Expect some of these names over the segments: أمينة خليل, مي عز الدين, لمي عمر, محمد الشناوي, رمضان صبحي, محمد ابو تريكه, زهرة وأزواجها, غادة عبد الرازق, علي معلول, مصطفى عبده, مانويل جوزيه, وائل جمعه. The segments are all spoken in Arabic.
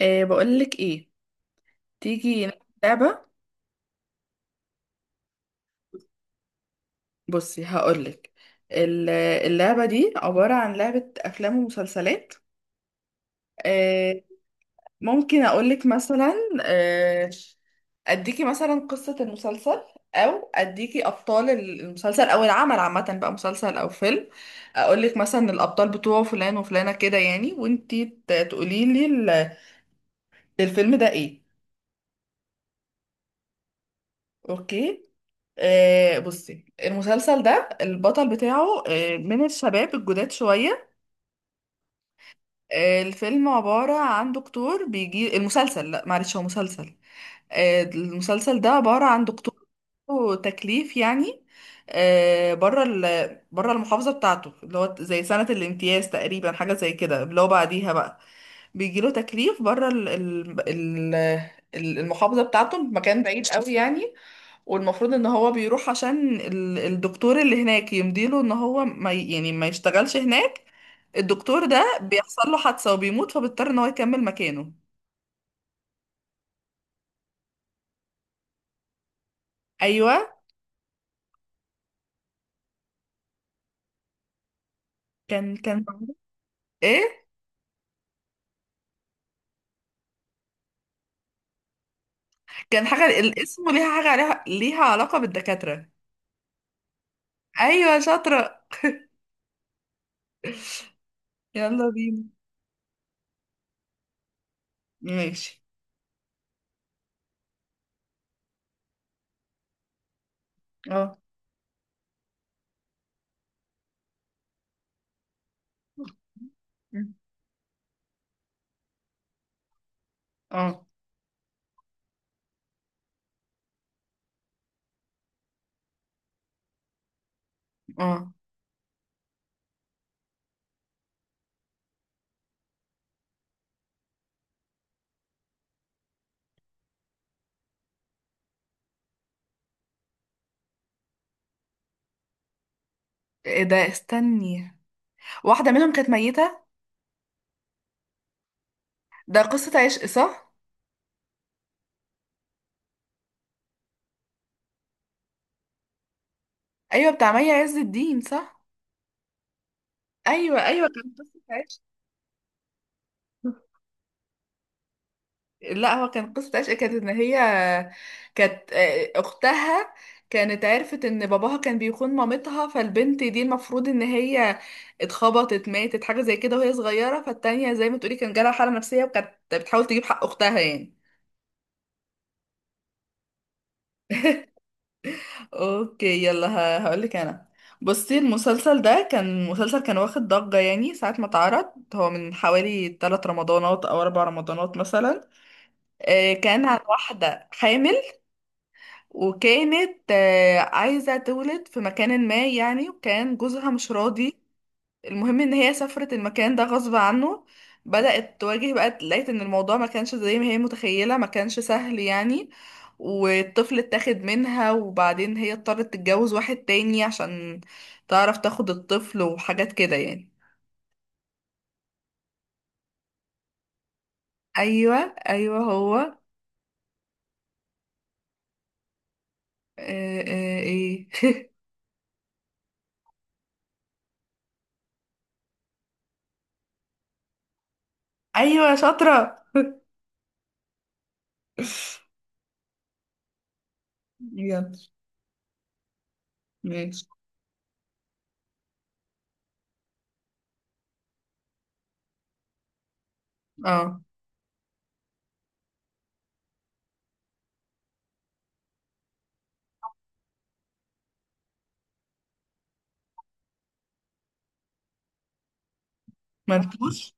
إيه بقولك ايه، تيجي نلعب لعبة؟ بصي هقولك، ال- اللعبة دي عبارة عن لعبة أفلام ومسلسلات. إيه ممكن أقولك مثلا، إيه؟ أديكي مثلا قصة المسلسل، أو أديكي أبطال المسلسل أو العمل عامة، بقى مسلسل أو فيلم، أقولك مثلا الأبطال بتوعه فلان وفلانة، كده يعني، وانتي تقوليلي الفيلم ده ايه. اوكي. بصي، المسلسل ده البطل بتاعه من الشباب الجداد شوية. الفيلم عبارة عن دكتور بيجي المسلسل، لا معلش، هو مسلسل. المسلسل ده عبارة عن دكتور عنده تكليف يعني، آه، بره بره المحافظة بتاعته، اللي هو زي سنة الامتياز تقريبا، حاجة زي كده، اللي هو بعديها بقى بيجيله تكليف بره المحافظة بتاعته، مكان بعيد قوي يعني. والمفروض ان هو بيروح عشان الدكتور اللي هناك يمديله ان هو ما ي- يعني ما يشتغلش هناك. الدكتور ده بيحصل له حادثة وبيموت، فبيضطر ان هو يكمل مكانه. ايوه. كان ايه، كان حاجة الاسم ليها حاجة، عليها ليها علاقة بالدكاترة. أيوة، شاطرة، يلا بينا. ماشي. اه. اه. اه. ايه ده، استني، واحدة منهم كانت ميتة؟ ده قصة عشق صح؟ أيوة، بتاع مي عز الدين صح؟ أيوة أيوة، كانت قصة عشق. لا، هو كان قصة عشق، كانت ان هي كانت اختها كانت عرفت ان باباها كان بيخون مامتها، فالبنت دي المفروض ان هي اتخبطت ماتت، حاجة زي كده وهي صغيرة، فالتانية زي ما تقولي كان جالها حالة نفسية وكانت بتحاول تجيب حق اختها يعني. اوكي، يلا هقولك انا. بصي، المسلسل ده كان مسلسل كان واخد ضجة يعني ساعة ما اتعرض، هو من حوالي 3 رمضانات او 4 رمضانات مثلا. كان عن واحدة حامل، وكانت عايزة تولد في مكان ما يعني، وكان جوزها مش راضي. المهم ان هي سافرت المكان ده غصب عنه، بدأت تواجه بقى، لقيت ان الموضوع ما كانش زي ما هي متخيلة، ما كانش سهل يعني. والطفل اتاخد منها، وبعدين هي اضطرت تتجوز واحد تاني عشان تعرف تاخد الطفل وحاجات كده يعني. ايوه. ايوه، هو ايه. ايوه، شاطرة. يلا. ماشي. اه. منفوش.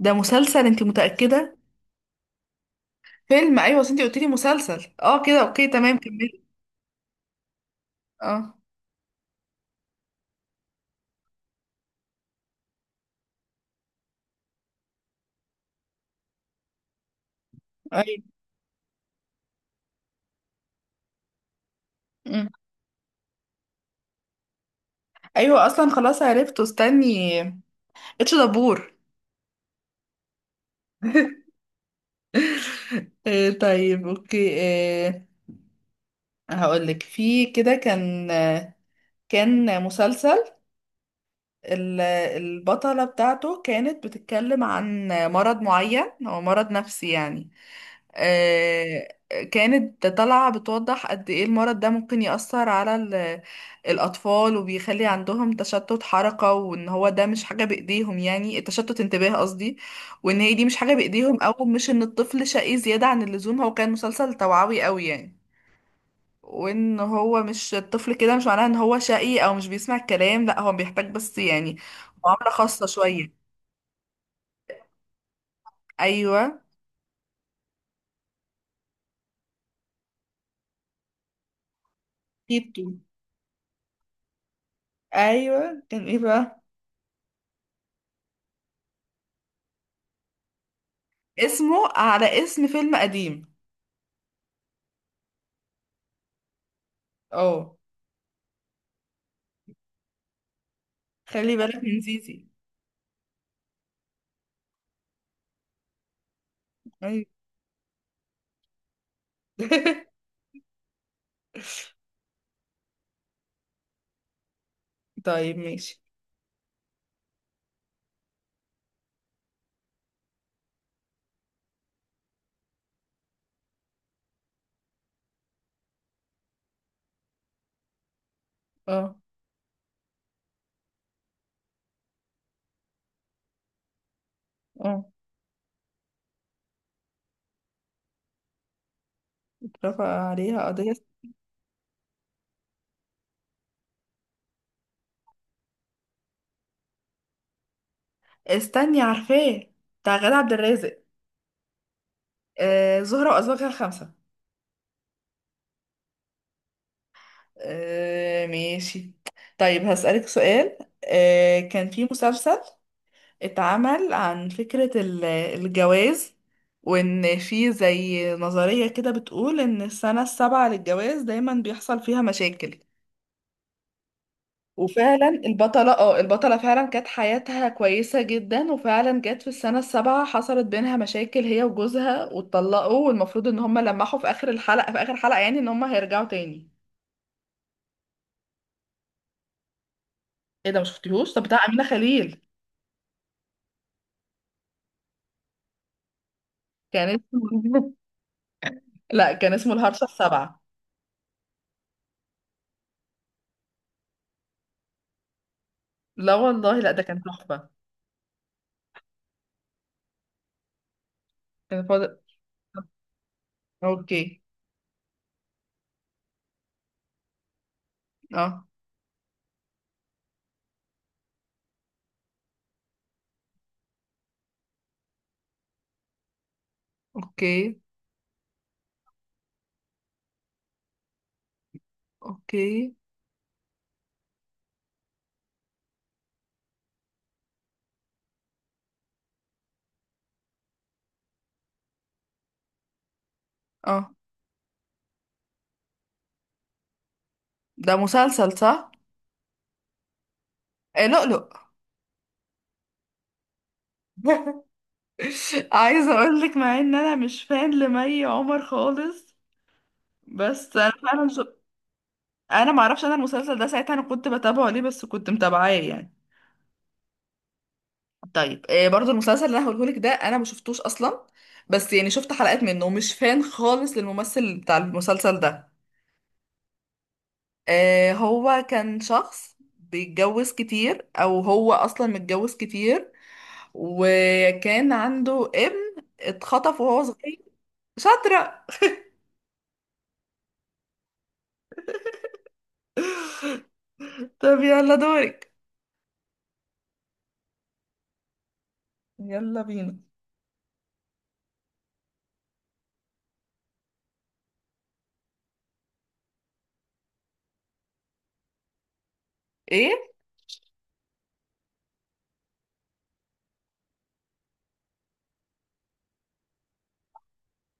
ده مسلسل انت متأكدة؟ فيلم، ايوه، اصل انت قلت لي مسلسل، اه كده اوكي تمام، كملي. اه. ايوه. مم. ايوه اصلا خلاص عرفته، استني، اتش دبور. طيب اوكي. آه، هقولك في كده، كان كان مسلسل البطلة بتاعته كانت بتتكلم عن مرض معين، هو مرض نفسي يعني. آه، كانت طالعة بتوضح قد ايه المرض ده ممكن يأثر على الأطفال، وبيخلي عندهم تشتت حركة، وان هو ده مش حاجة بإيديهم، يعني التشتت انتباه قصدي، وان هي دي مش حاجة بإيديهم او مش ان الطفل شقي زيادة عن اللزوم، هو كان مسلسل توعوي قوي يعني، وان هو مش الطفل كده مش معناه ان هو شقي او مش بيسمع الكلام، لا هو بيحتاج بس يعني معاملة خاصة شوية. ايوه. كيتو، ايوه، كان ايه بقى؟ اسمه على اسم فيلم قديم. اه. خلي بالك من زيزي. أيوة. طيب ماشي. اه. اه. اترفع عليها قضية. استني عارفاه، بتاع غادة عبد الرازق، زهرة وأزواجها خمسة. ماشي، طيب هسألك سؤال. كان في مسلسل اتعمل عن فكرة الجواز، وإن في زي نظرية كده بتقول إن السنة السابعة للجواز دايما بيحصل فيها مشاكل. وفعلا البطلة، اه البطلة فعلا كانت حياتها كويسة جدا، وفعلا جت في السنة السابعة حصلت بينها مشاكل هي وجوزها واتطلقوا، والمفروض ان هما لمحوا في اخر الحلقة، في اخر حلقة يعني، ان هما هيرجعوا تاني. ايه ده مشفتيهوش؟ طب بتاع أمينة خليل، كان اسمه لا كان اسمه الهرشة السابعة. لا والله لا، ده كان تحفة. كان فاضل. آه، اوكي. اه، اوكي، اوكي. اه، ده مسلسل صح؟ إيه، لؤلؤ. عايزه اقول لك، مع ان انا مش فان لمي عمر خالص، بس انا فعلا انا ما اعرفش، انا المسلسل ده ساعتها انا كنت بتابعه ليه، بس كنت متابعاه يعني. طيب برضو المسلسل اللي انا هقوله لك ده انا ما شفتوش اصلا، بس يعني شفت حلقات منه، ومش فان خالص للممثل بتاع المسلسل ده. هو كان شخص بيتجوز كتير، او هو اصلا متجوز كتير، وكان عنده ابن اتخطف وهو صغير. شاطرة. طب يلا دورك. يلا بينا. ايه؟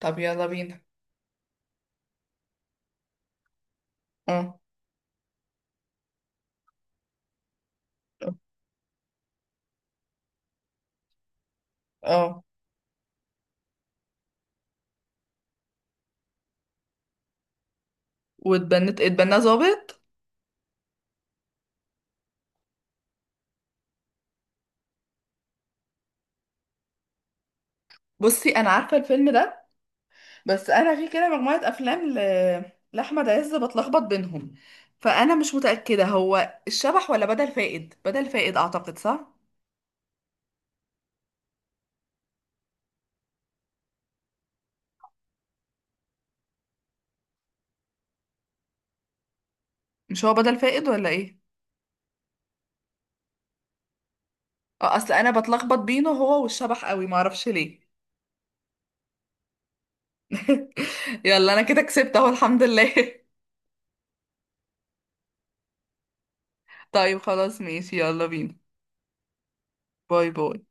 طب يلا بينا. اه. اه. اتبنى ظابط. بصي انا عارفه الفيلم ده، بس انا في كده مجموعه افلام لاحمد عز، بتلخبط بينهم، فانا مش متاكده هو الشبح ولا بدل فائد، بدل فائد اعتقد صح. مش هو بدل فائد ولا ايه؟ اه، اصل انا بتلخبط بينه هو والشبح قوي، معرفش ليه. يلا انا كده كسبت اهو الحمد لله. طيب خلاص ماشي، يلا بينا، باي باي.